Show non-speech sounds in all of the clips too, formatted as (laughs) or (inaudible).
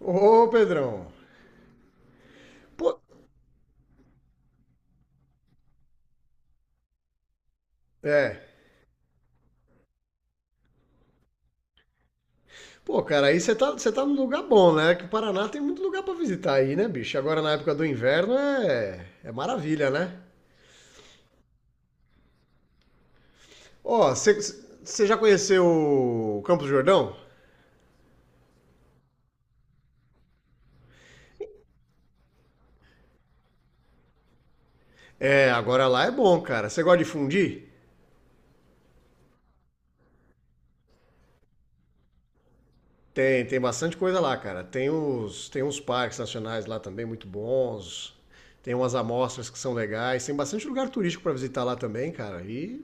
Ô, Pedrão. Pô, é. Pô, cara, aí você tá num lugar bom, né? Que o Paraná tem muito lugar pra visitar aí, né, bicho? Agora na época do inverno é maravilha, né? Ó, você já conheceu o Campos do Jordão? É, agora lá é bom, cara. Você gosta de fundir? Tem, tem bastante coisa lá, cara. Tem os, tem uns parques nacionais lá também muito bons. Tem umas amostras que são legais. Tem bastante lugar turístico para visitar lá também, cara. E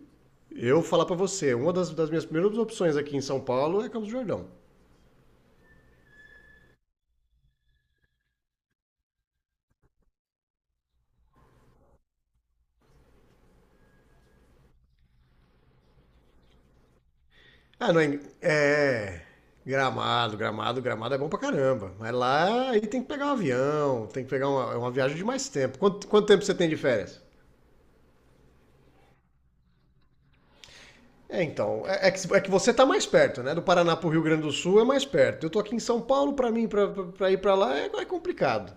eu falar para você, uma das minhas primeiras opções aqui em São Paulo é Campos do Jordão. Ah, não é, é Gramado, Gramado é bom pra caramba. Mas lá aí tem que pegar um avião, tem que pegar uma viagem de mais tempo. Quanto tempo você tem de férias? É, então, é, é que você tá mais perto, né? Do Paraná pro Rio Grande do Sul é mais perto. Eu tô aqui em São Paulo, pra mim, pra ir pra lá é complicado.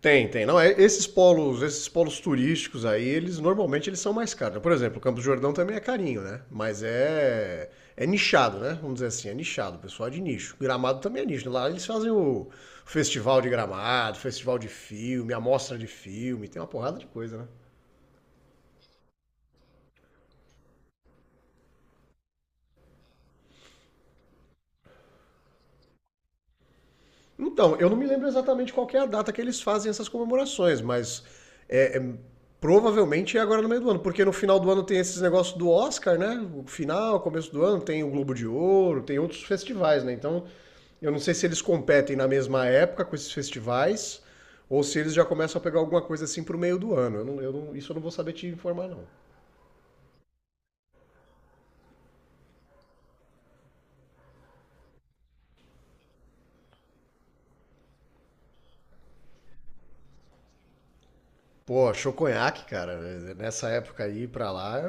Tem, tem. Não, é- esses polos turísticos aí, eles normalmente eles são mais caros. Por exemplo, o Campos do Jordão também é carinho, né? Mas é nichado, né? Vamos dizer assim, é nichado. O pessoal é de nicho. Gramado também é nicho. Lá eles fazem o festival de Gramado, festival de filme, amostra de filme, tem uma porrada de coisa, né? Então, eu não me lembro exatamente qual que é a data que eles fazem essas comemorações, mas é, é- provavelmente é agora no meio do ano, porque no final do ano tem esses negócios do Oscar, né? O final, começo do ano, tem o Globo de Ouro, tem outros festivais, né? Então, eu não sei se eles competem na mesma época com esses festivais ou se eles já começam a pegar alguma coisa assim pro meio do ano. Eu não- isso eu não vou saber te informar, não. Pô, achou conhaque, cara. Nessa época aí pra lá.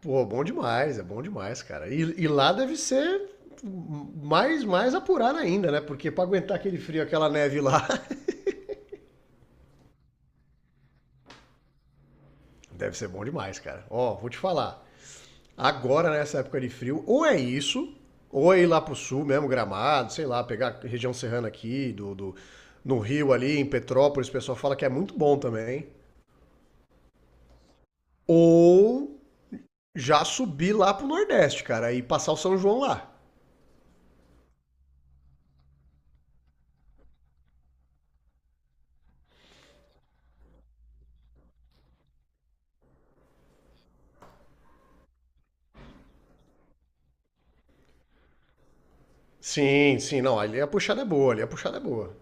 Pô, bom demais, é bom demais, cara. E lá deve ser mais apurado ainda, né? Porque pra aguentar aquele frio, aquela neve lá, (laughs) deve ser bom demais, cara. Ó, vou te falar. Agora, nessa época de frio, ou é isso, ou é ir lá pro sul mesmo, Gramado, sei lá, pegar a região serrana aqui, do no Rio ali, em Petrópolis, o pessoal fala que é muito bom também. Ou já subir lá pro Nordeste, cara, e passar o São João lá. Sim, sim, não, ali a puxada é boa, ali a puxada é boa.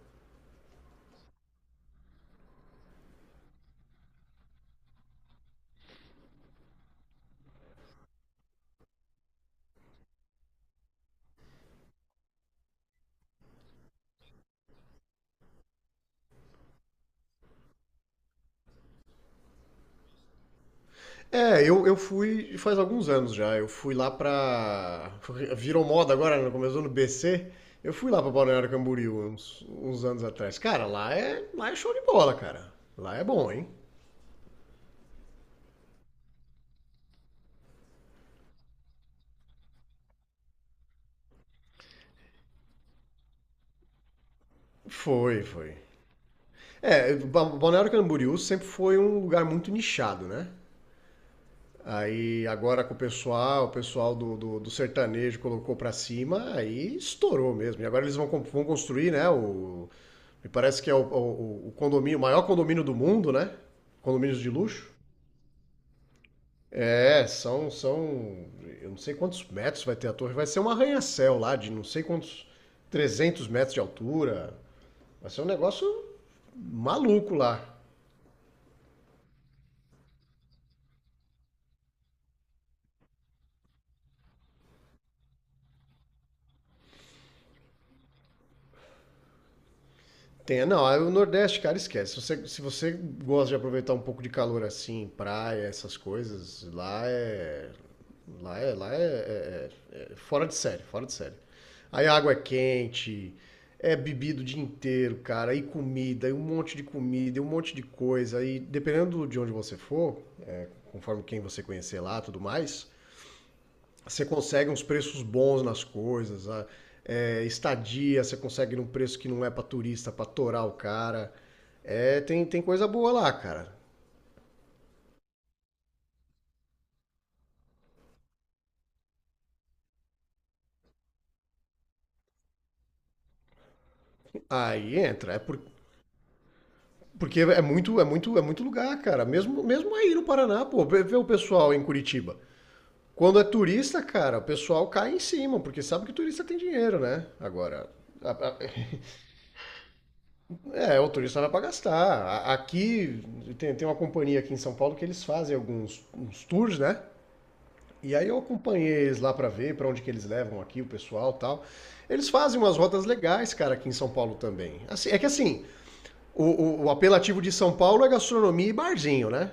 É, eu fui faz alguns anos já. Eu fui lá pra. Virou moda agora, né? Começou no BC. Eu fui lá pra Balneário Camboriú uns anos atrás. Cara, lá é show de bola, cara. Lá é bom, hein? Foi, foi. É, Ba- Balneário Camboriú sempre foi um lugar muito nichado, né? Aí agora com o pessoal do sertanejo colocou pra cima, aí estourou mesmo. E agora eles vão, com- vão construir, né? O, me parece que é o, o condomínio, o maior condomínio do mundo, né? Condomínios de luxo. É, eu não sei quantos metros vai ter a torre. Vai ser um arranha-céu lá de não sei quantos, 300 metros de altura. Vai ser um negócio maluco lá. Tem, não, aí o Nordeste, cara, esquece. Se você gosta de aproveitar um pouco de calor assim, praia, essas coisas, lá é. Lá é. Lá é, é- é é fora de série, fora de série. Aí a água é quente, é bebido o dia inteiro, cara, e comida, e um monte de comida, e um monte de coisa. E dependendo de onde você for, conforme quem você conhecer lá tudo mais, você consegue uns preços bons nas coisas, a- é, estadia, você consegue num preço que não é pra turista, pra torar o cara. É, tem, tem coisa boa lá, cara. Aí entra, é por- porque é muito, é muito, é muito lugar, cara. Mesmo, mesmo aí no Paraná, pô, vê o pessoal em Curitiba. Quando é turista, cara, o pessoal cai em cima, porque sabe que turista tem dinheiro, né? Agora, a- a- é, o turista vai pra gastar. A- Aqui tem, tem uma companhia aqui em São Paulo que eles fazem alguns uns tours, né? E aí eu acompanhei eles lá pra ver pra onde que eles levam aqui o pessoal e tal. Eles fazem umas rotas legais, cara, aqui em São Paulo também. Assim, é que assim, o, o apelativo de São Paulo é gastronomia e barzinho, né?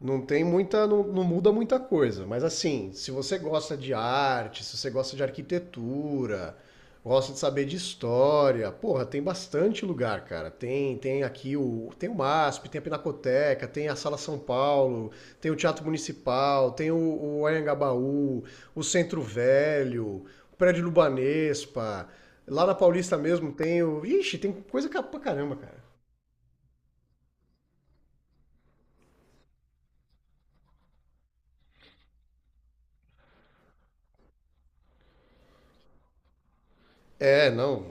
Não tem muita, não, não muda muita coisa, mas assim, se você gosta de arte, se você gosta de arquitetura, gosta de saber de história, porra, tem bastante lugar, cara. Tem, tem aqui o, tem o MASP, tem a Pinacoteca, tem a Sala São Paulo, tem o Teatro Municipal, tem o Anhangabaú, o Centro Velho, o Prédio Lubanespa. Lá na Paulista mesmo tem o, ixi, tem coisa ca- pra caramba, cara. É, não.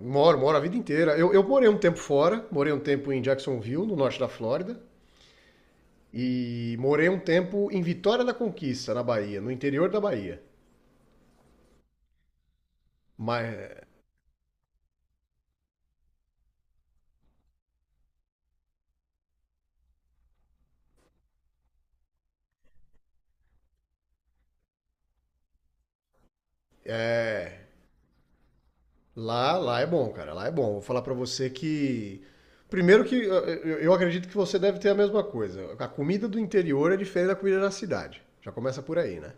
Moro, moro a vida inteira. Eu morei um tempo fora, morei um tempo em Jacksonville, no norte da Flórida, e morei um tempo em Vitória da Conquista, na Bahia, no interior da Bahia. Mas é, lá, lá é bom, cara, lá é bom. Vou falar pra você que primeiro que eu, eu acredito que você deve ter a mesma coisa. A comida do interior é diferente da comida da cidade. Já começa por aí, né?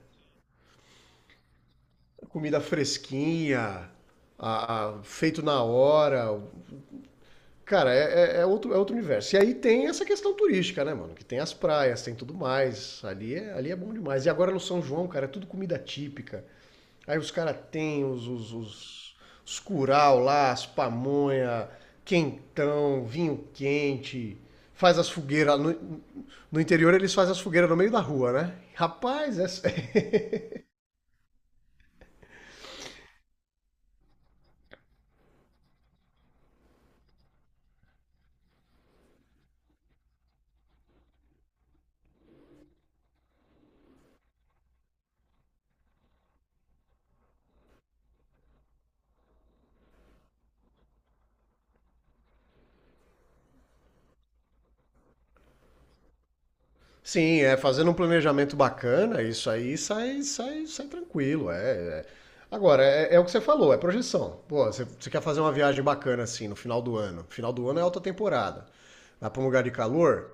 Comida fresquinha, feito na hora. Cara, é, é- é outro universo. E aí tem essa questão turística, né, mano? Que tem as praias, tem tudo mais. Ali é bom demais. E agora no São João, cara, é tudo comida típica. Aí os caras têm os curau lá, as pamonha, quentão, vinho quente. Faz as fogueiras. No, no interior eles fazem as fogueiras no meio da rua, né? Rapaz, é, (laughs) sim, é fazendo um planejamento bacana, isso aí sai, sai tranquilo. É, é. Agora, é, é o que você falou, é projeção. Pô, você quer fazer uma viagem bacana assim no final do ano. Final do ano é alta temporada. Vai para um lugar de calor,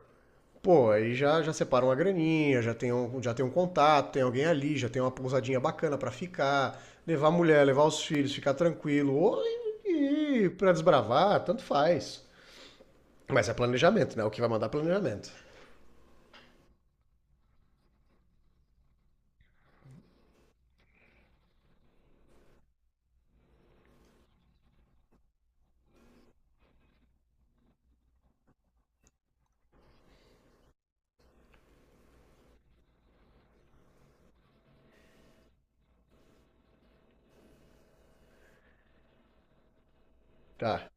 pô, aí já separa uma graninha, já tem um contato, tem alguém ali, já tem uma pousadinha bacana para ficar, levar a mulher, levar os filhos, ficar tranquilo, ou ir para desbravar, tanto faz. Mas é planejamento, né? O que vai mandar é planejamento. Tá.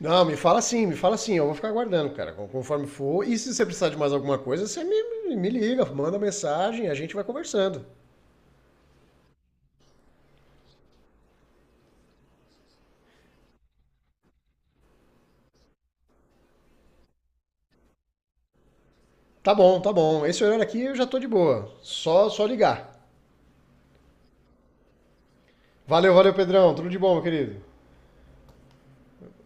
Não, me fala sim, me fala sim. Eu vou ficar aguardando, cara, conforme for. E se você precisar de mais alguma coisa, você me liga, manda mensagem, a gente vai conversando. Tá bom, tá bom. Esse horário aqui eu já tô de boa. Só ligar. Valeu, valeu, Pedrão. Tudo de bom, meu querido.